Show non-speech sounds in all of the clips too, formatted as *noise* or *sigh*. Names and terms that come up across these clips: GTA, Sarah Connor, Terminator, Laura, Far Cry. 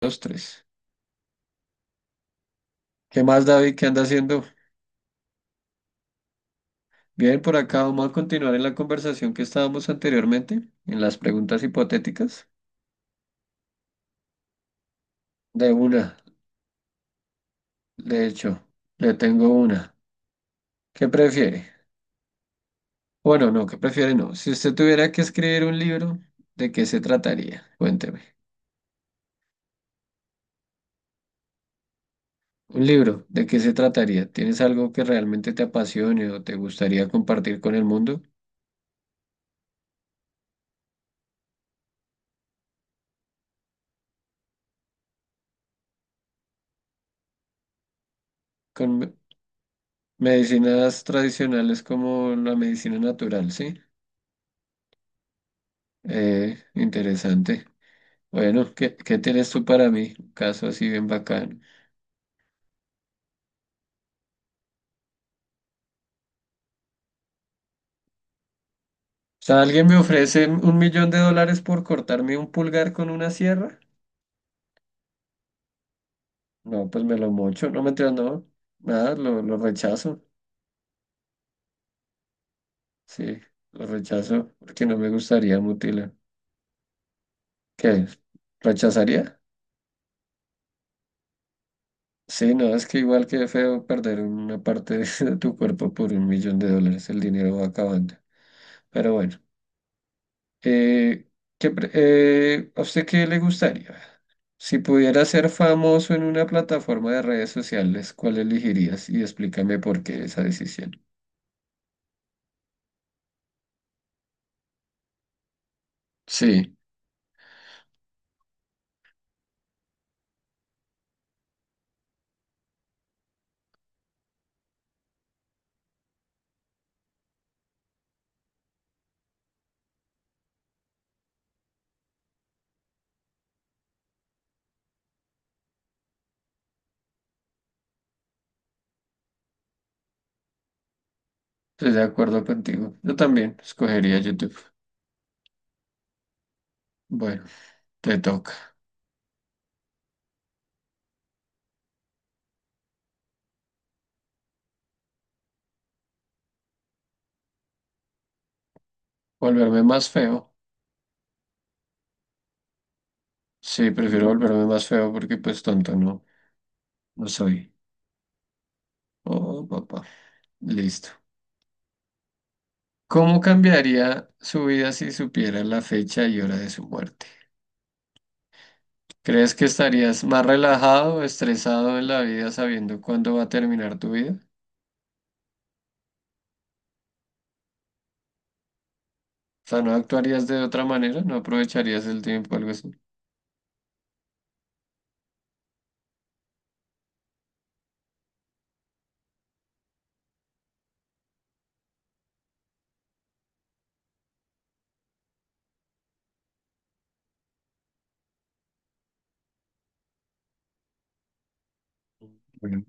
Dos, tres. ¿Qué más, David? ¿Qué anda haciendo? Bien, por acá vamos a continuar en la conversación que estábamos anteriormente, en las preguntas hipotéticas. De una, de hecho, le tengo una. ¿Qué prefiere? Bueno, no, ¿qué prefiere? No. Si usted tuviera que escribir un libro, ¿de qué se trataría? Cuénteme. Un libro, ¿de qué se trataría? ¿Tienes algo que realmente te apasione o te gustaría compartir con el mundo? Con me- medicinas tradicionales como la medicina natural, ¿sí? Interesante. Bueno, ¿qué tienes tú para mí? Un caso así bien bacano. O sea, ¿alguien me ofrece $1.000.000 por cortarme un pulgar con una sierra? No, pues me lo mocho. No, mentiras, no. Nada, lo rechazo. Sí, lo rechazo porque no me gustaría mutilar. ¿Qué? ¿Rechazaría? Sí, no, es que igual que feo perder una parte *laughs* de tu cuerpo por $1.000.000. El dinero va acabando. Pero bueno. Eh, ¿A usted qué le gustaría? Si pudiera ser famoso en una plataforma de redes sociales, ¿cuál elegirías? Y explícame por qué esa decisión. Sí, estoy de acuerdo contigo. Yo también escogería YouTube. Bueno, te toca. ¿Volverme más feo? Sí, prefiero volverme más feo porque pues tonto no, no soy. Oh, papá. Listo. ¿Cómo cambiaría su vida si supiera la fecha y hora de su muerte? ¿Crees que estarías más relajado o estresado en la vida sabiendo cuándo va a terminar tu vida? O sea, ¿no actuarías de otra manera? ¿No aprovecharías el tiempo, algo así? Bueno,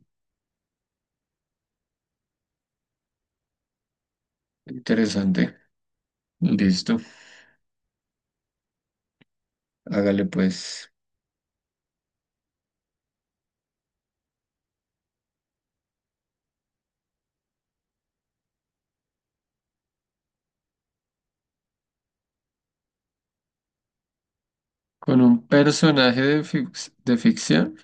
interesante. Listo. Hágale pues. Con un personaje de, fic- de ficción.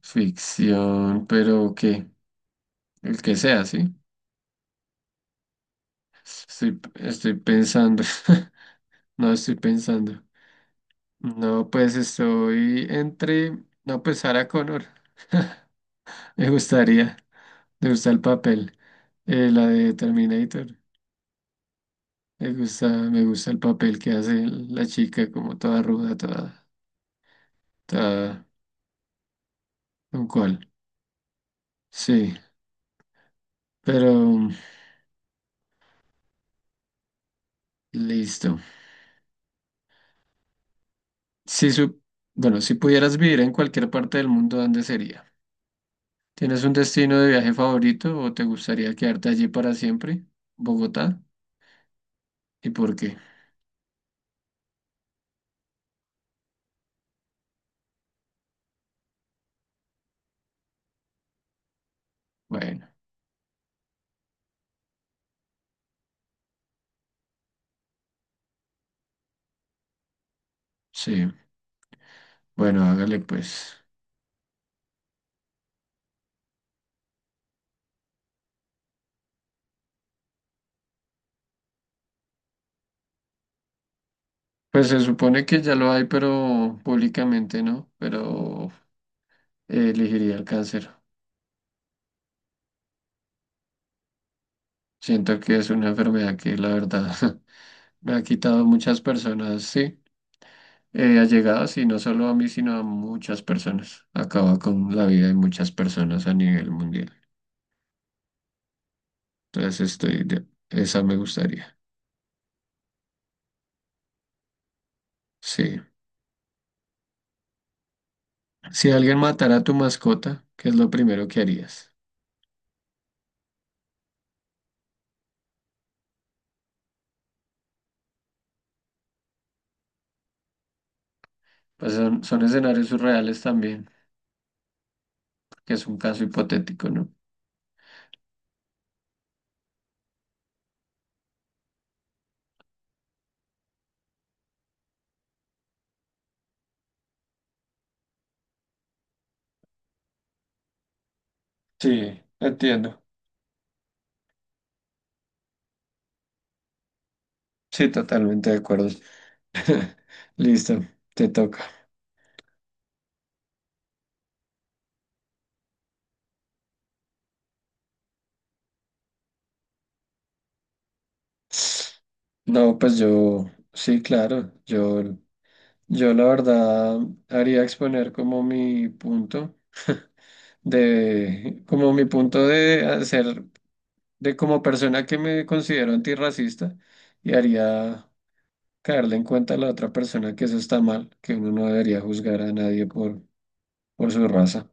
Ficción, pero ¿qué? El que sea, ¿sí? Estoy pensando. *laughs* No estoy pensando. No, pues estoy entre. No, pues Sarah Connor. *laughs* Me gustaría. Me gusta el papel. La de Terminator. Me gusta el papel que hace la chica, como toda ruda, toda, toda un cual. Sí, pero listo. Si su, bueno, si pudieras vivir en cualquier parte del mundo, ¿dónde sería? ¿Tienes un destino de viaje favorito o te gustaría quedarte allí para siempre? ¿Bogotá? ¿Y por qué? Bueno, sí. Bueno, hágale pues. Pues se supone que ya lo hay, pero públicamente no, pero elegiría el cáncer. Siento que es una enfermedad que la verdad *laughs* me ha quitado muchas personas, sí, allegadas y no solo a mí, sino a muchas personas. Acaba con la vida de muchas personas a nivel mundial. Esa me gustaría. Sí. Si alguien matara a tu mascota, ¿qué es lo primero que harías? Pues son escenarios surreales también, que es un caso hipotético, ¿no? Sí, entiendo. Sí, totalmente de acuerdo. *laughs* Listo, te toca. No, pues yo, sí, claro, yo la verdad haría exponer como mi punto *laughs* de, como mi punto de hacer, de como persona que me considero antirracista y haría caerle en cuenta a la otra persona que eso está mal, que uno no debería juzgar a nadie por, por su raza.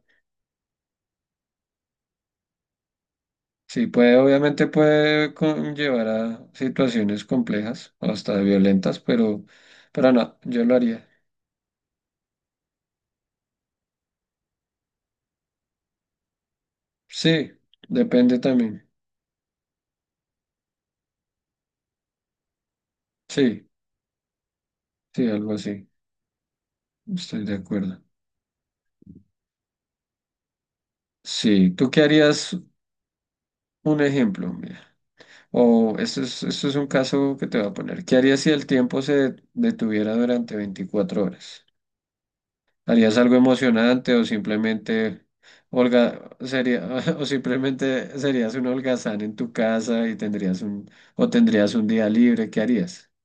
Sí, puede, obviamente puede conllevar a situaciones complejas o hasta violentas, pero no, yo lo haría. Sí, depende también. Sí, sí, algo así. Estoy de acuerdo. Sí, ¿tú qué harías? Un ejemplo, mira. Esto es un caso que te voy a poner. ¿Qué harías si el tiempo se detuviera durante 24 horas? ¿Harías algo emocionante o simplemente holga, sería, *laughs* o simplemente serías un holgazán en tu casa y tendrías o tendrías un día libre? ¿Qué harías? *laughs*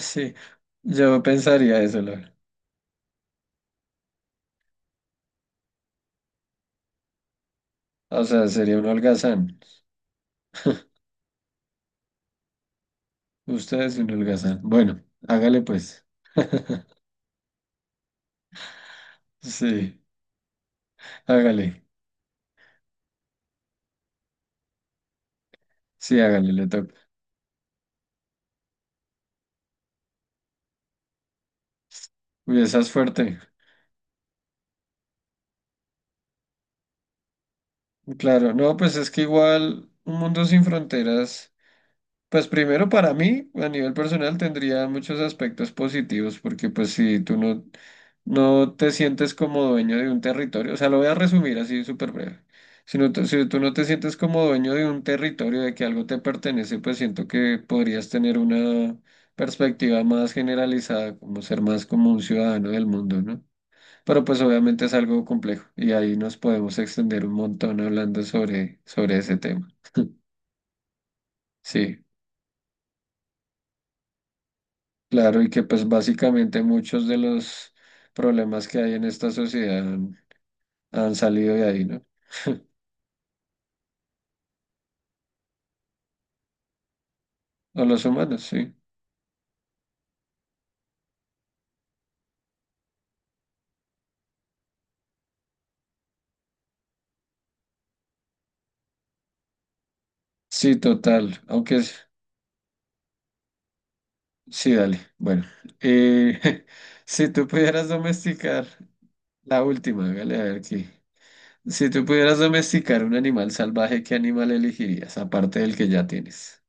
Sí, yo pensaría eso, Laura. O sea, sería un holgazán. Ustedes siempre holgazán. Bueno, hágale pues. *laughs* Sí, hágale. Sí, hágale, le toca. Uy, esa es fuerte. Claro, no, pues es que igual un mundo sin fronteras. Pues primero para mí, a nivel personal, tendría muchos aspectos positivos, porque pues si tú no, no te sientes como dueño de un territorio, o sea, lo voy a resumir así súper breve. Si tú no te sientes como dueño de un territorio, de que algo te pertenece, pues siento que podrías tener una perspectiva más generalizada, como ser más como un ciudadano del mundo, ¿no? Pero pues obviamente es algo complejo y ahí nos podemos extender un montón hablando sobre, sobre ese tema. *laughs* Sí. Claro, y que pues básicamente muchos de los problemas que hay en esta sociedad han, han salido de ahí, ¿no? *laughs* O los humanos, sí. Sí, total, aunque es- sí, dale. Bueno, eh, *laughs* si tú pudieras domesticar, la última, hágale a ver aquí. Si tú pudieras domesticar un animal salvaje, ¿qué animal elegirías, aparte del que ya tienes?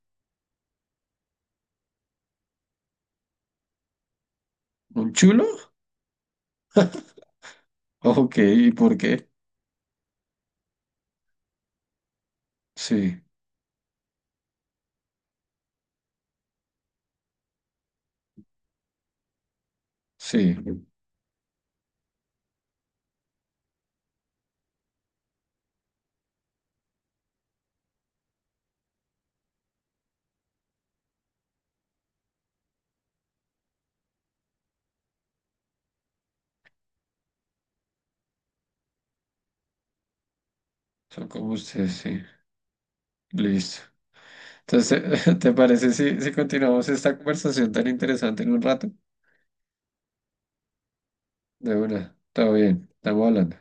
¿Un chulo? Ok, ¿y por qué? Sí, sí, son como ustedes, sí. Listo. Entonces, *laughs* ¿te parece si continuamos esta conversación tan interesante en un rato? De una, todo bien, estamos hablando.